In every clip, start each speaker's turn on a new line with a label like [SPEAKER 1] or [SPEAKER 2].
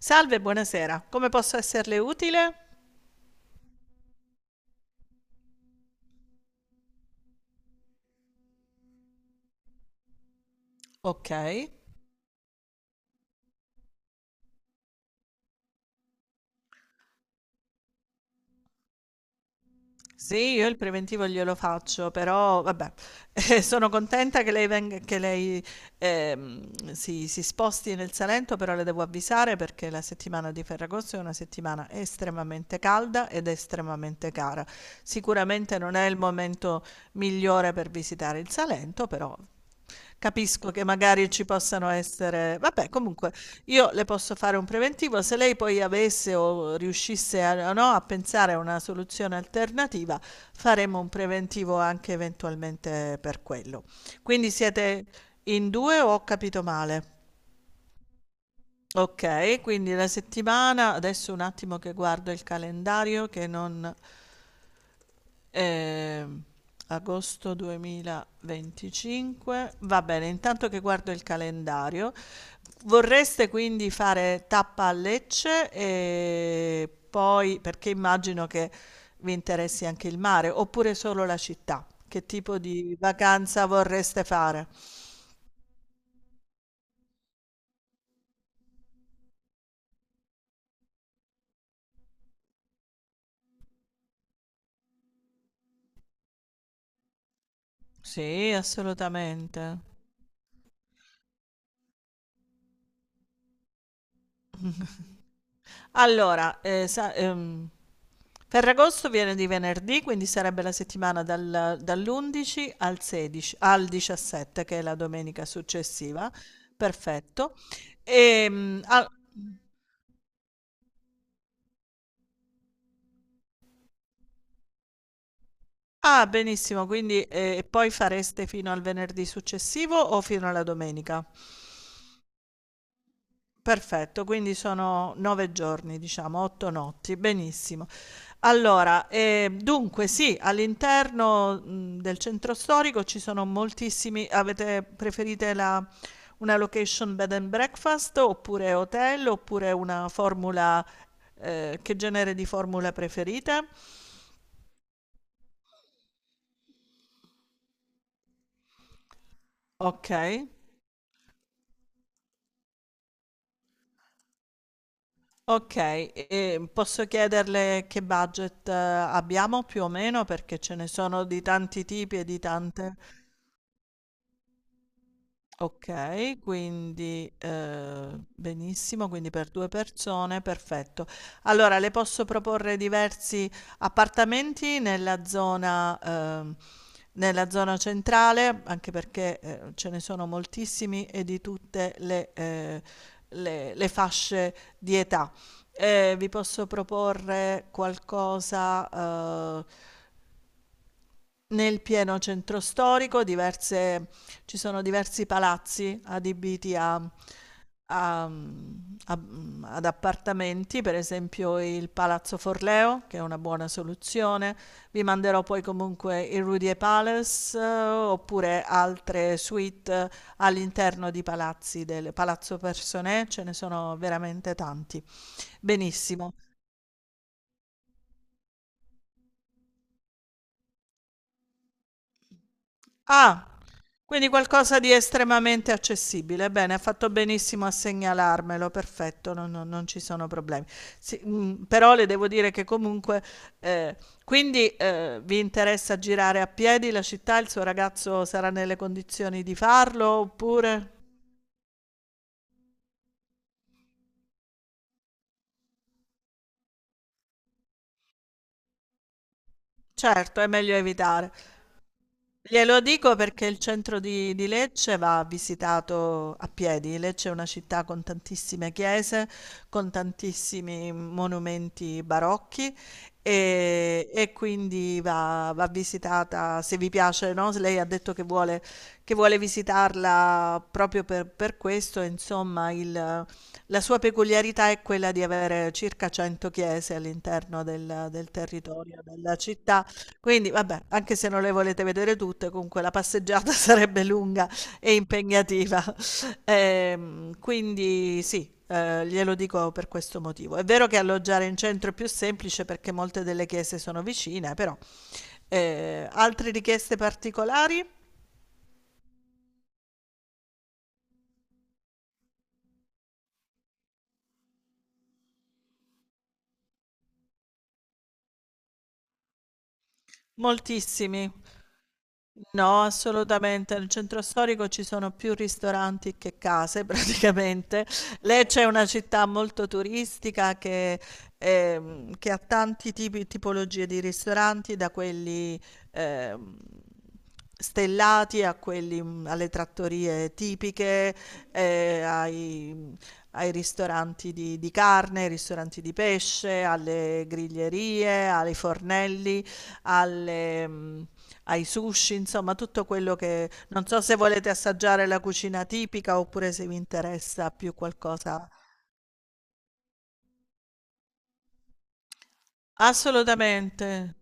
[SPEAKER 1] Salve, buonasera. Come posso esserle utile? Ok. Sì, io il preventivo glielo faccio, però vabbè, sono contenta che lei, si sposti nel Salento, però le devo avvisare perché la settimana di Ferragosto è una settimana estremamente calda ed estremamente cara. Sicuramente non è il momento migliore per visitare il Salento, però capisco che magari ci possano essere... Vabbè, comunque, io le posso fare un preventivo, se lei poi avesse o riuscisse a, no, a pensare a una soluzione alternativa, faremo un preventivo anche eventualmente per quello. Quindi siete in due o ho capito male? Okay, quindi la settimana adesso un attimo che guardo il calendario che non... Ehm, Agosto 2025. Va bene, intanto che guardo il calendario, vorreste quindi fare tappa a Lecce e poi perché immagino che vi interessi anche il mare, oppure solo la città? Che tipo di vacanza vorreste fare? Sì, assolutamente. Allora, sa, Ferragosto viene di venerdì, quindi sarebbe la settimana dall'11 al 16 al 17, che è la domenica successiva, perfetto. Al mh. Ah, benissimo, quindi, e poi fareste fino al venerdì successivo o fino alla domenica? Perfetto, quindi sono 9 giorni, diciamo, 8 notti, benissimo. Allora, dunque sì, all'interno, del centro storico ci sono moltissimi. Avete preferite la, una location bed and breakfast oppure hotel, oppure una formula, che genere di formula preferite? Okay, okay. E posso chiederle che budget abbiamo più o meno? Perché ce ne sono di tanti tipi e di tante. Okay, quindi, benissimo, quindi per 2 persone, perfetto. Allora le posso proporre diversi appartamenti nella zona, nella zona centrale, anche perché, ce ne sono moltissimi e di tutte le, le fasce di età. Vi posso proporre qualcosa, nel pieno centro storico. Diverse, ci sono diversi palazzi adibiti ad appartamenti, per esempio il Palazzo Forleo, che è una buona soluzione. Vi manderò poi comunque il Rudier Palace, oppure altre suite all'interno di palazzi, del Palazzo Personnè, ce ne sono veramente tanti. Benissimo. Ah, quindi qualcosa di estremamente accessibile. Bene, ha fatto benissimo a segnalarmelo, perfetto, non ci sono problemi. Sì, mm, però le devo dire che comunque, eh, vi interessa girare a piedi la città? Il suo ragazzo sarà nelle condizioni di farlo oppure? Certo, è meglio evitare. Glielo dico perché il centro di Lecce va visitato a piedi. Lecce è una città con tantissime chiese, con tantissimi monumenti barocchi e quindi va visitata, se vi piace, no? Se Lei ha detto che vuole visitarla proprio per questo, insomma, la sua peculiarità è quella di avere circa 100 chiese all'interno del territorio della città. Quindi vabbè, anche se non le volete vedere tutte, comunque la passeggiata sarebbe lunga e impegnativa. Quindi sì, glielo dico per questo motivo. È vero che alloggiare in centro è più semplice perché molte delle chiese sono vicine, però, altre richieste particolari? Moltissimi. No, assolutamente. Nel centro storico ci sono più ristoranti che case, praticamente. Lecce è una città molto turistica che ha tanti tipologie di ristoranti, da quelli ehm, stellati a quelli, mm, alle trattorie tipiche, eh, ai, ai ristoranti di carne, ai ristoranti di pesce, alle griglierie, ai fornelli, alle, ai sushi, insomma tutto quello. Che non so se volete assaggiare la cucina tipica oppure se vi interessa più qualcosa. Assolutamente.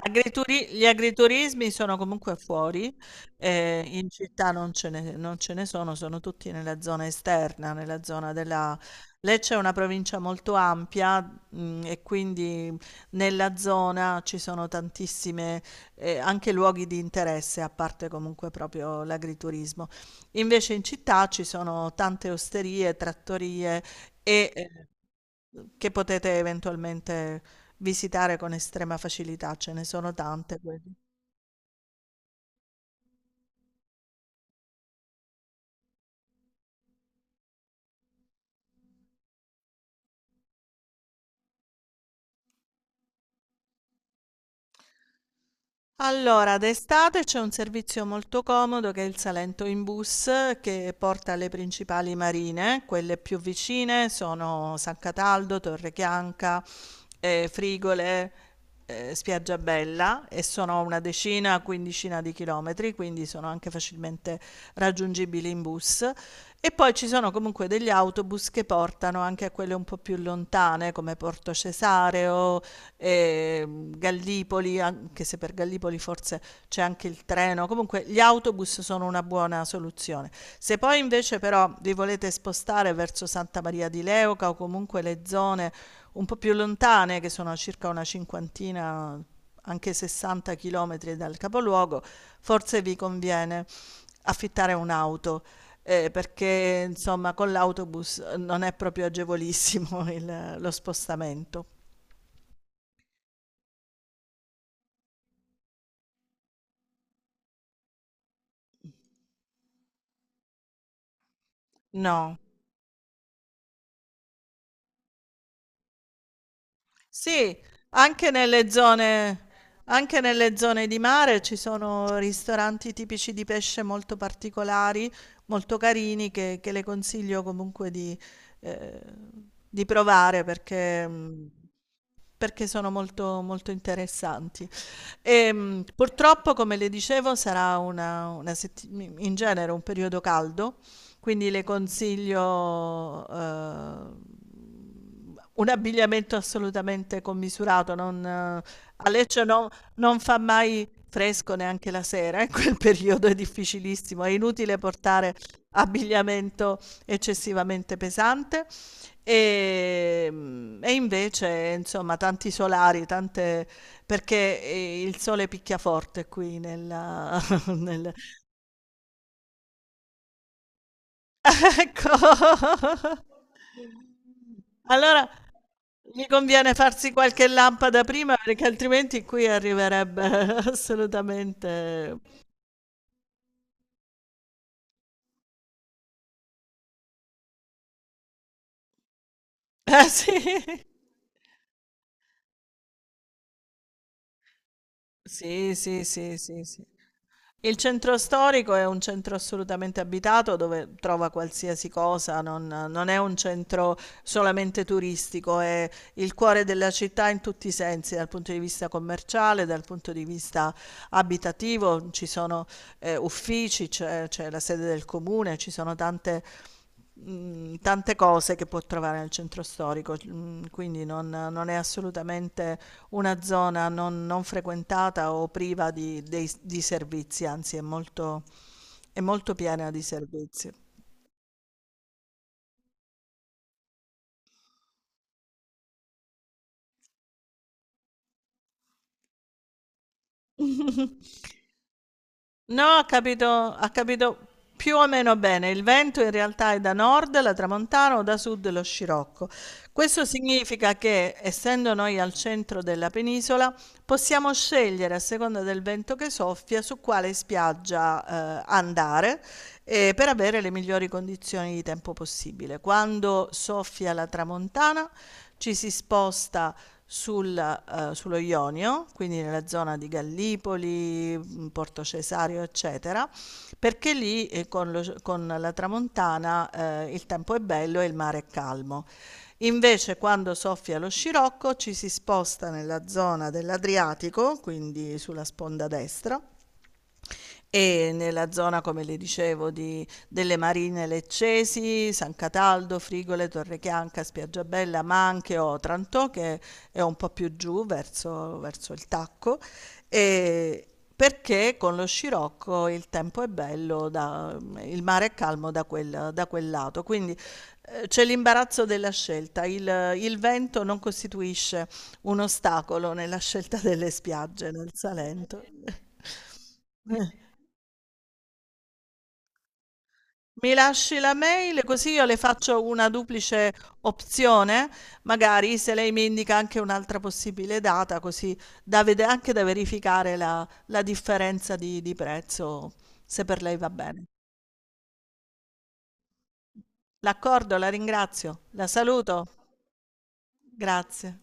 [SPEAKER 1] Agrituri Gli agriturismi sono comunque fuori, in città non ce ne sono, sono tutti nella zona esterna, nella zona della... Lecce è una provincia molto ampia, e quindi nella zona ci sono tantissime, anche luoghi di interesse, a parte comunque proprio l'agriturismo. Invece in città ci sono tante osterie, trattorie e, che potete eventualmente visitare con estrema facilità, ce ne sono tante quelle. Allora, d'estate c'è un servizio molto comodo che è il Salento in bus, che porta alle principali marine. Quelle più vicine sono San Cataldo, Torre Chianca, Frigole, Spiaggiabella, e sono una decina, quindicina di chilometri, quindi sono anche facilmente raggiungibili in bus. E poi ci sono comunque degli autobus che portano anche a quelle un po' più lontane, come Porto Cesareo, eh, Gallipoli, anche se per Gallipoli forse c'è anche il treno. Comunque gli autobus sono una buona soluzione. Se poi invece però vi volete spostare verso Santa Maria di Leuca o comunque le zone un po' più lontane, che sono circa una cinquantina, anche 60 chilometri dal capoluogo, forse vi conviene affittare un'auto, perché insomma con l'autobus non è proprio agevolissimo il lo spostamento. No. Sì, anche nelle zone, anche nelle zone di mare ci sono ristoranti tipici di pesce molto particolari, molto carini, che le consiglio comunque eh, di provare perché, perché sono molto interessanti. E, purtroppo, come le dicevo, sarà in genere un periodo caldo, quindi le consiglio, un abbigliamento assolutamente commisurato, non, a Lecce no- non fa mai fresco neanche la sera, in quel periodo è difficilissimo, è inutile portare abbigliamento eccessivamente pesante e, e invece insomma tanti solari, tante, perché il sole picchia forte qui nel- Ecco. Allora gli conviene farsi qualche lampada prima, perché altrimenti qui arriverebbe assolutamente. Eh sì. Sì, sì, sì, sì, sì. Il centro storico è un centro assolutamente abitato dove trova qualsiasi cosa, non è un centro solamente turistico, è il cuore della città in tutti i sensi, dal punto di vista commerciale, dal punto di vista abitativo, ci sono, uffici, c'è la sede del comune, ci sono tante, tante cose che può trovare nel centro storico, mm, quindi non è assolutamente una zona non frequentata o priva di, di servizi, anzi è molto piena di servizi. No, ha capito più o meno bene. Il vento in realtà è da nord la tramontana o da sud lo scirocco. Questo significa che, essendo noi al centro della penisola, possiamo scegliere a seconda del vento che soffia su quale spiaggia, andare, per avere le migliori condizioni di tempo possibile. Quando soffia la tramontana ci si sposta sul, sullo Ionio, quindi nella zona di Gallipoli, Porto Cesario, eccetera, perché lì con la tramontana, il tempo è bello e il mare è calmo. Invece quando soffia lo scirocco ci si sposta nella zona dell'Adriatico, quindi sulla sponda destra, e nella zona, come le dicevo, di delle Marine Leccesi, San Cataldo, Frigole, Torrechianca, Spiaggiabella, ma anche Otranto, che è un po' più giù verso il Tacco, ehm, perché con lo scirocco il tempo è bello da, il mare è calmo da quel lato. Quindi, c'è l'imbarazzo della scelta. Il vento non costituisce un ostacolo nella scelta delle spiagge nel Salento. Eh. Mi lasci la mail, così io le faccio una duplice opzione, magari se lei mi indica anche un'altra possibile data, così da anche da verificare la, la differenza di prezzo, se per lei va bene. D'accordo, la ringrazio, la saluto, grazie.